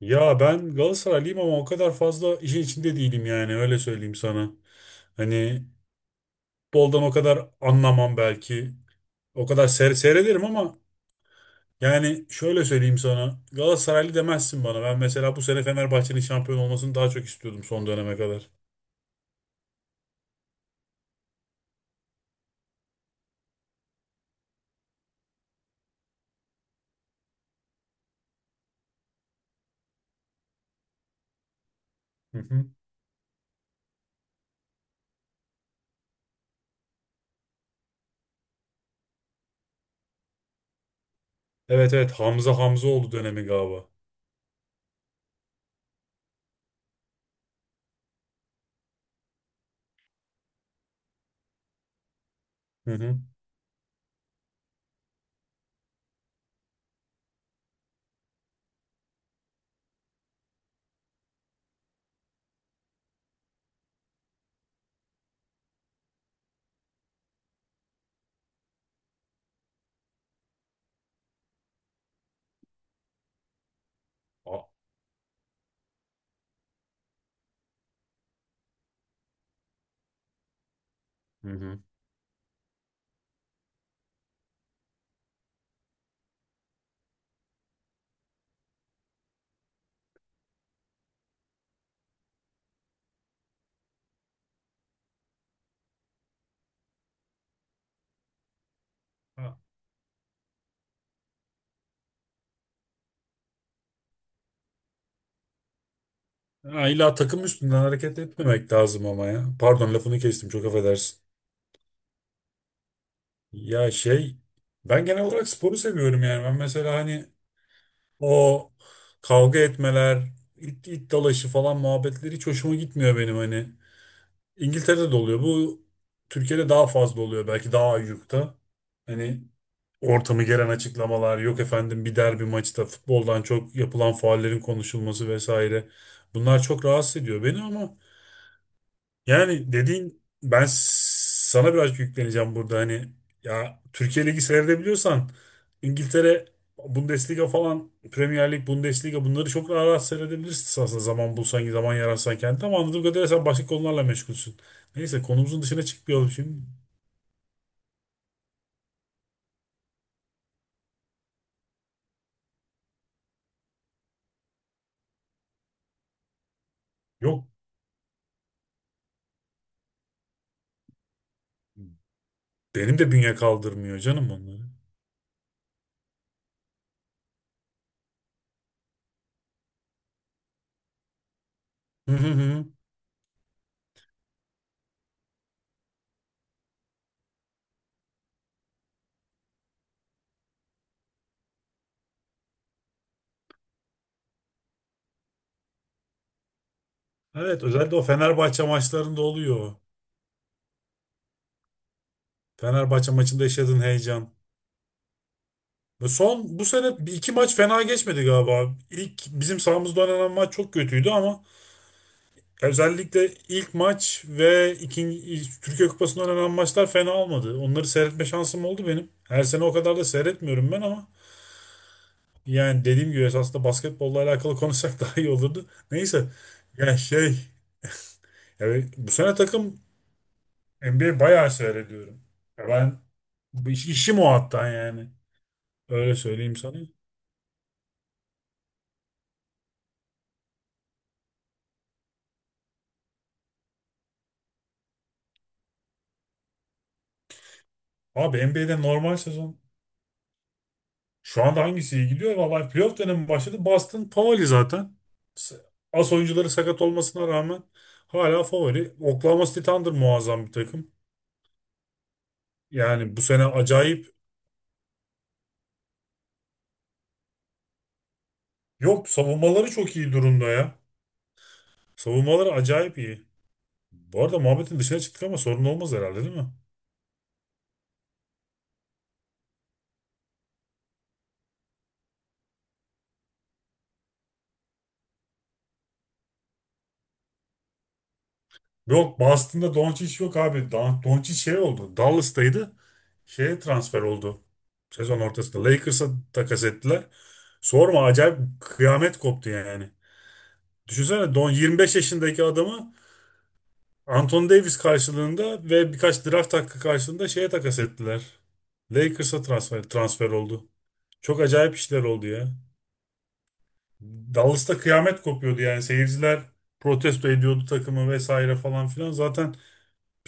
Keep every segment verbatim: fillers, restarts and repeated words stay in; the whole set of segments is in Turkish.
Ya ben Galatasaraylıyım ama o kadar fazla işin içinde değilim yani öyle söyleyeyim sana. Hani futboldan o kadar anlamam belki. O kadar seyre- seyrederim ama yani şöyle söyleyeyim sana. Galatasaraylı demezsin bana. Ben mesela bu sene Fenerbahçe'nin şampiyon olmasını daha çok istiyordum son döneme kadar. Hı hı. Evet, evet, Hamza Hamza oldu dönemi galiba. Hı hı. A- Hı hı. Ha, ha, illa takım üstünden hareket etmemek lazım ama ya. Pardon, lafını kestim, çok affedersin. Ya şey ben genel olarak sporu seviyorum yani. Ben mesela hani o kavga etmeler, it, it dalaşı falan muhabbetleri hiç hoşuma gitmiyor benim hani. İngiltere'de de oluyor. Bu Türkiye'de daha fazla oluyor belki, daha ayyukta. Hani ortamı geren açıklamalar, yok efendim bir derbi maçta futboldan çok yapılan faullerin konuşulması vesaire. Bunlar çok rahatsız ediyor beni ama yani dediğin ben sana biraz yükleneceğim burada hani ya Türkiye Ligi seyredebiliyorsan İngiltere Bundesliga falan Premier Lig, Bundesliga bunları çok rahat rahat seyredebilirsin aslında zaman bulsan, zaman yaratsan kendine ama anladığım kadarıyla sen başka konularla meşgulsün. Neyse, konumuzun dışına çıkmayalım şimdi. Yok, benim de bünye kaldırmıyor canım onları. Hı hı hı. Evet, özellikle o Fenerbahçe maçlarında oluyor. Fenerbahçe maçında yaşadığın heyecan. Ve son bu sene bir iki maç fena geçmedi galiba. İlk bizim sahamızda oynanan maç çok kötüydü ama özellikle ilk maç ve ikinci Türkiye Kupası'nda oynanan maçlar fena olmadı. Onları seyretme şansım oldu benim. Her sene o kadar da seyretmiyorum ben ama yani dediğim gibi esasında basketbolla alakalı konuşsak daha iyi olurdu. Neyse. Ya şey yani bu sene takım N B A bayağı seyrediyorum. Ya ben bu iş- işim o hatta yani. Öyle söyleyeyim sana. Abi N B A'de normal sezon şu anda hangisi iyi gidiyor? Vallahi playoff dönemi başladı. Boston favori zaten. S- As oyuncuları sakat olmasına rağmen hala favori. Oklahoma City Thunder muazzam bir takım. Yani bu sene acayip. Yok, savunmaları çok iyi durumda ya. Savunmaları acayip iyi. Bu arada muhabbetin dışına çıktık ama sorun olmaz herhalde değil mi? Yok, Boston'da Doncic yok abi. Da- Doncic şey oldu. Dallas'taydı. Şeye transfer oldu. Sezon ortasında. Lakers'a takas ettiler. Sorma, acayip kıyamet koptu yani. Düşünsene Don yirmi beş yaşındaki adamı Anthony Davis karşılığında ve birkaç draft hakkı karşılığında şeye takas ettiler. Lakers'a transfer, transfer oldu. Çok acayip işler oldu ya. Dallas'ta kıyamet kopuyordu yani. Seyirciler protesto ediyordu takımı vesaire falan filan. Zaten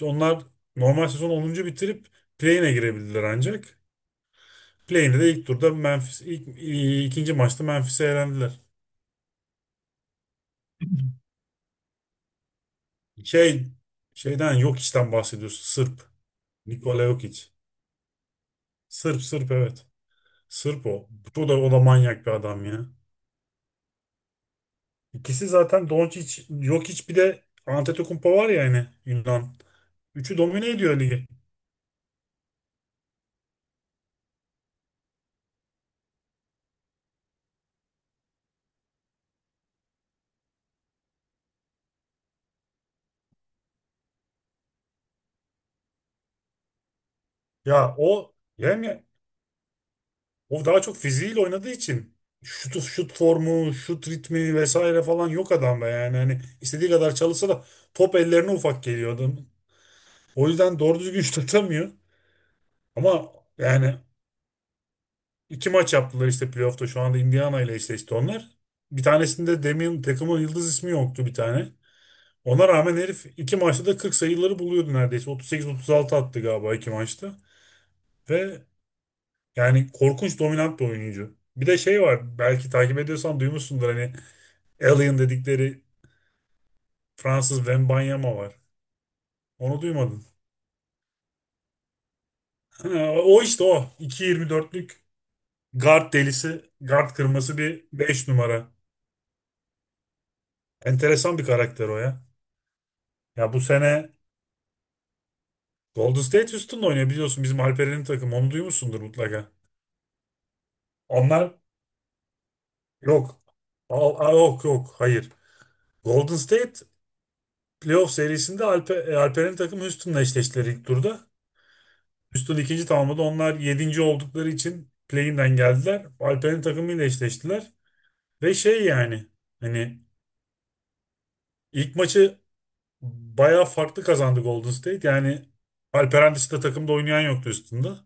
onlar normal sezon onuncu bitirip play-in'e girebildiler ancak. Play-in'de de ilk turda Memphis, ilk, i- ikinci maçta Memphis'e elendiler. Şey, şeyden yok, işten bahsediyorsun. Sırp. Nikola Jokic. Sırp, Sırp, evet. Sırp o. Bu da, o da manyak bir adam ya. İkisi zaten Doncic, Jokic bir de Antetokounmpo var ya yani Yunan. Üçü domine ediyor ligi. Ya o yani o daha çok fiziğiyle oynadığı için şut, şut formu, şut ritmi vesaire falan yok adamda yani. Hani istediği kadar çalışsa da top ellerine ufak geliyor adam. O yüzden doğru düzgün şut atamıyor. Ama yani İki maç yaptılar işte playoff'ta. Şu anda Indiana ile eşleşti onlar. Bir tanesinde Damian takımın yıldız ismi yoktu bir tane. Ona rağmen herif iki maçta da kırk sayıları buluyordu neredeyse. otuz sekiz otuz altı attı galiba iki maçta. Ve yani korkunç dominant bir oyuncu. Bir de şey var, belki takip ediyorsan duymuşsundur hani Alien dedikleri Fransız Wembanyama var. Onu duymadın. Ha, o işte o. iki yirmi dörtlük guard delisi, guard kırması bir beş numara. Enteresan bir karakter o ya. Ya bu sene Golden State Houston'da oynuyor biliyorsun bizim Alperen'in takımı, onu duymuşsundur mutlaka. Onlar yok. Al, al- yok, yok, hayır. Golden State playoff serisinde Alper, e, Alperen'in takımı Houston'la eşleştiler ilk turda. Houston ikinci tamamladı. Onlar yedinci oldukları için play-in'den geldiler. Alperen'in takımıyla eşleştiler. Ve şey yani hani ilk maçı bayağı farklı kazandı Golden State. Yani Alperen dışında takımda oynayan yoktu Houston'da.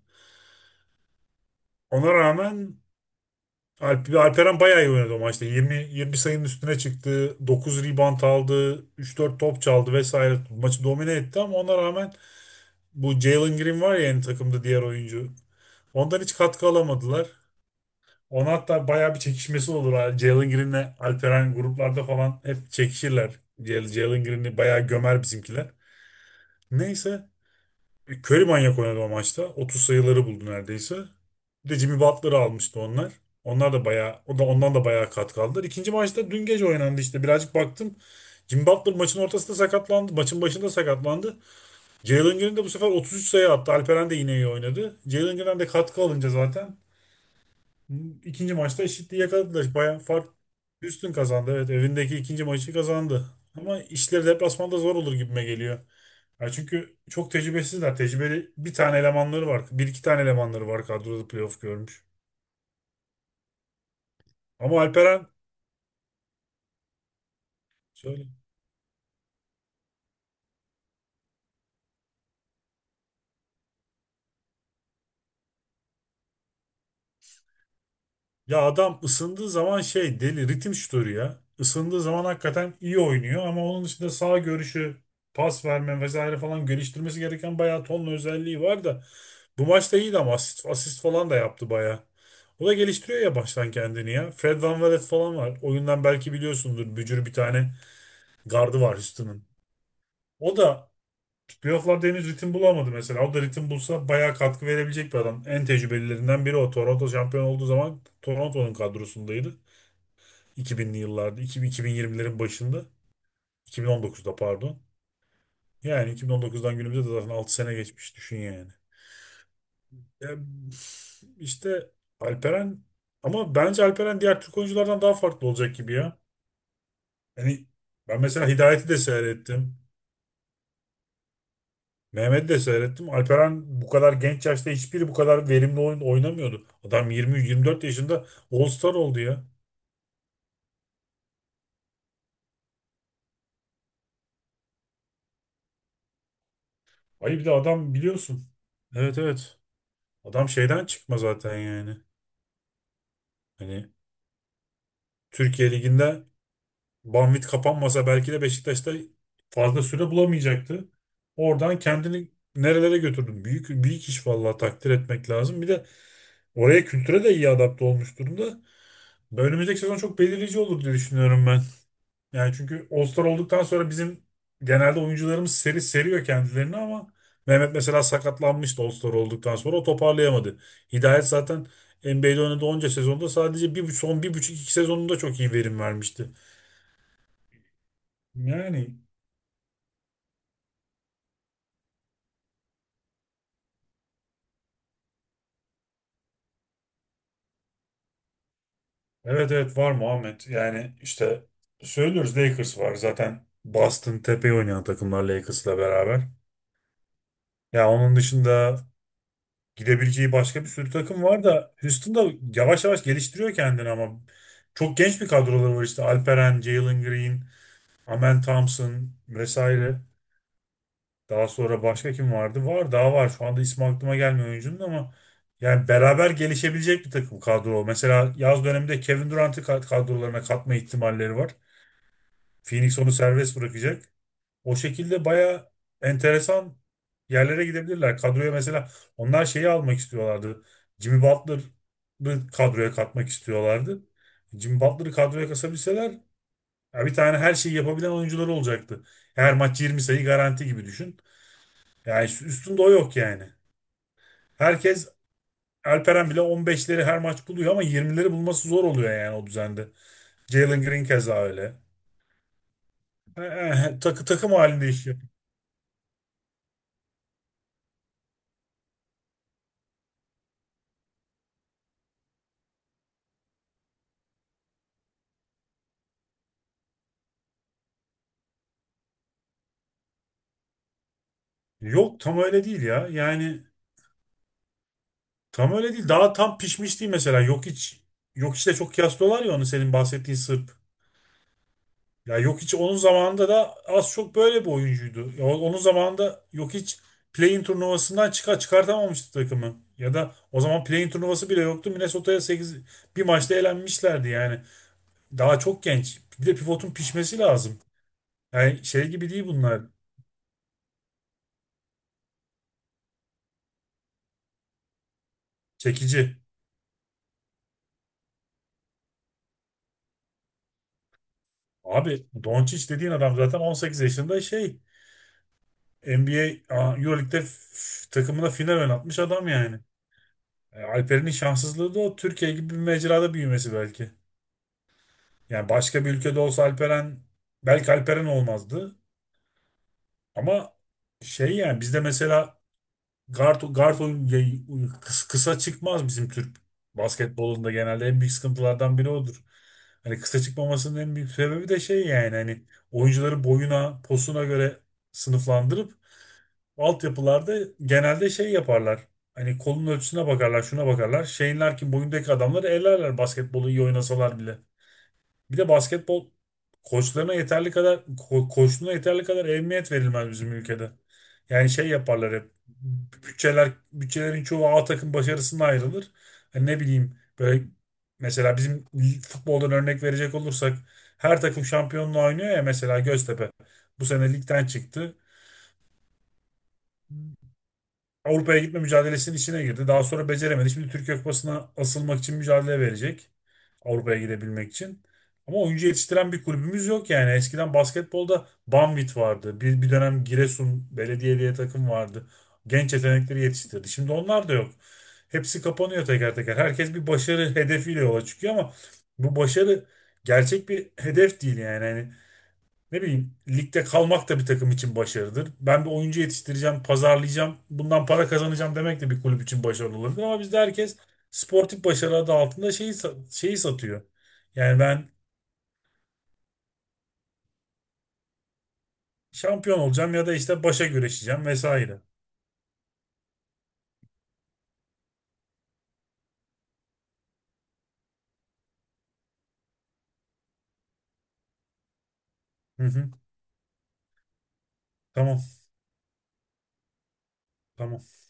Ona rağmen Alp, Alperen bayağı iyi oynadı o maçta. yirmi yirmi sayının üstüne çıktı. dokuz rebound aldı. üç dört top çaldı vesaire. Maçı domine etti ama ona rağmen bu Jalen Green var ya yani takımda diğer oyuncu. Ondan hiç katkı alamadılar. Ona hatta bayağı bir çekişmesi olur, ha. Jalen Green'le Alperen gruplarda falan hep çekişirler. Jal- Jalen Green'i bayağı gömer bizimkiler. Neyse, Curry manyak oynadı o maçta. otuz sayıları buldu neredeyse. Bir de Jimmy Butler'ı almıştı onlar. Onlar da bayağı, o da ondan da bayağı katkı aldılar. İkinci maçta dün gece oynandı işte. Birazcık baktım. Jimmy Butler maçın ortasında sakatlandı. Maçın başında sakatlandı. Jalen Green de bu sefer otuz üç sayı attı. Alperen de yine iyi oynadı. Jalen Green'den de katkı alınca zaten İkinci maçta eşitliği yakaladılar. Bayağı fark üstün kazandı. Evet, evindeki ikinci maçı kazandı. Ama işleri deplasmanda zor olur gibime geliyor. Ya çünkü çok tecrübesizler. Tecrübeli bir tane elemanları var. Bir iki tane elemanları var kadroda playoff görmüş. Ama Alperen söyle. Ya adam ısındığı zaman şey deli ritim şutörü ya. Isındığı zaman hakikaten iyi oynuyor ama onun dışında sağ görüşü, pas verme vesaire falan geliştirmesi gereken bayağı tonla özelliği var da bu maçta iyiydi ama asist, asist falan da yaptı baya. O da geliştiriyor ya baştan kendini ya. Fred VanVleet falan var. Oyundan belki biliyorsundur. Bücür bir tane gardı var Houston'ın. O da playofflarda henüz ritim bulamadı mesela. O da ritim bulsa bayağı katkı verebilecek bir adam. En tecrübelilerinden biri o. Toronto şampiyon olduğu zaman Toronto'nun kadrosundaydı. iki binli yıllarda. iki bin iki bin yirmilerin başında. iki bin on dokuzda pardon. Yani iki bin on dokuzdan günümüze de zaten altı sene geçmiş düşün yani. Ya, işte Alperen ama bence Alperen diğer Türk oyunculardan daha farklı olacak gibi ya. Yani ben mesela Hidayet'i de seyrettim. Mehmet'i de seyrettim. Alperen bu kadar genç yaşta hiçbiri bu kadar verimli oyun oynamıyordu. Adam yirmi yirmi dört yaşında All-Star oldu ya. Ay bir de adam biliyorsun. Evet, evet. Adam şeyden çıkma zaten yani. Hani Türkiye Ligi'nde Banvit kapanmasa belki de Beşiktaş'ta fazla süre bulamayacaktı. Oradan kendini nerelere götürdüm. Büyük büyük iş, vallahi takdir etmek lazım. Bir de oraya, kültüre de iyi adapte olmuş durumda. Önümüzdeki sezon çok belirleyici olur diye düşünüyorum ben. Yani çünkü All-Star olduktan sonra bizim genelde oyuncularımız seri seriyor kendilerini ama Mehmet mesela sakatlanmıştı All-Star olduktan sonra o toparlayamadı. Hidayet zaten N B A'de oynadığı onca sezonda sadece bir, bu- son bir buçuk iki sezonunda çok iyi verim vermişti. Yani evet, evet, var Muhammed. Yani işte söylüyoruz Lakers var zaten, Boston tepeyi oynayan takımlar Lakers'la beraber. Ya onun dışında gidebileceği başka bir sürü takım var da Houston da yavaş yavaş geliştiriyor kendini ama çok genç bir kadroları var işte Alperen, Jalen Green, Amen Thompson vesaire. Daha sonra başka kim vardı? Var, daha var. Şu anda ismi aklıma gelmiyor oyuncunun ama yani beraber gelişebilecek bir takım kadro. Mesela yaz döneminde Kevin Durant'ı kad- kadrolarına katma ihtimalleri var. Phoenix onu serbest bırakacak. O şekilde baya enteresan yerlere gidebilirler. Kadroya mesela onlar şeyi almak istiyorlardı. Jimmy Butler'ı kadroya katmak istiyorlardı. Jimmy Butler'ı kadroya kasabilseler ya bir tane her şeyi yapabilen oyuncuları olacaktı. Her maç yirmi sayı garanti gibi düşün. Yani üst- üstünde o yok yani. Herkes Alperen bile on beşleri her maç buluyor ama yirmileri bulması zor oluyor yani o düzende. Jalen Green keza öyle. Eh, eh, takı takım halinde iş. Yok tam öyle değil ya. Yani tam öyle değil. Daha tam pişmiş değil mesela. Yok hiç, yok işte çok kıyaslıyorlar ya onu senin bahsettiğin Sırp. Ya yok hiç onun zamanında da az çok böyle bir oyuncuydu. Ya o- onun zamanında yok hiç play-in turnuvasından çıkar çıkartamamıştı takımı. Ya da o zaman play-in turnuvası bile yoktu. Minnesota'ya sekiz bir maçta elenmişlerdi yani. Daha çok genç. Bir de pivotun pişmesi lazım. Yani şey gibi değil bunlar. Çekici. Abi Doncic dediğin adam zaten on sekiz yaşında şey NBA a, a, Euroleague'de f- takımına final oynatmış adam yani. E, Alperen'in şanssızlığı da o Türkiye gibi bir mecrada büyümesi belki. Yani başka bir ülkede olsa Alperen belki Alperen olmazdı. Ama şey yani bizde mesela guard, guard oyun yay- kıs- kısa çıkmaz bizim Türk basketbolunda genelde en büyük sıkıntılardan biri odur. Hani kısa çıkmamasının en büyük sebebi de şey yani hani oyuncuları boyuna, posuna göre sınıflandırıp altyapılarda genelde şey yaparlar. Hani kolun ölçüsüne bakarlar, şuna bakarlar. Şeyinler ki boyundaki adamları ellerler basketbolu iyi oynasalar bile. Bir de basketbol koçlarına yeterli kadar ko- koçluğuna yeterli kadar ehemmiyet verilmez bizim ülkede. Yani şey yaparlar hep. Bütçeler bütçelerin çoğu A takım başarısına ayrılır. Hani ne bileyim böyle mesela bizim futboldan örnek verecek olursak her takım şampiyonluğa oynuyor ya, mesela Göztepe bu sene ligden çıktı. Avrupa'ya gitme mücadelesinin içine girdi. Daha sonra beceremedi. Şimdi Türkiye Kupası'na asılmak için mücadele verecek. Avrupa'ya gidebilmek için. Ama oyuncu yetiştiren bir kulübümüz yok yani. Eskiden basketbolda Banvit vardı. Bir, bir dönem Giresun Belediye diye takım vardı. Genç yetenekleri yetiştirdi. Şimdi onlar da yok. Hepsi kapanıyor teker teker. Herkes bir başarı hedefiyle yola çıkıyor ama bu başarı gerçek bir hedef değil yani. Yani ne bileyim ligde kalmak da bir takım için başarıdır. Ben bir oyuncu yetiştireceğim, pazarlayacağım, bundan para kazanacağım demek de bir kulüp için başarılı olabilir. Ama bizde herkes sportif başarı adı altında şeyi, sa- şeyi satıyor. Yani ben şampiyon olacağım ya da işte başa güreşeceğim vesaire. Hı hı, tamam, tamam.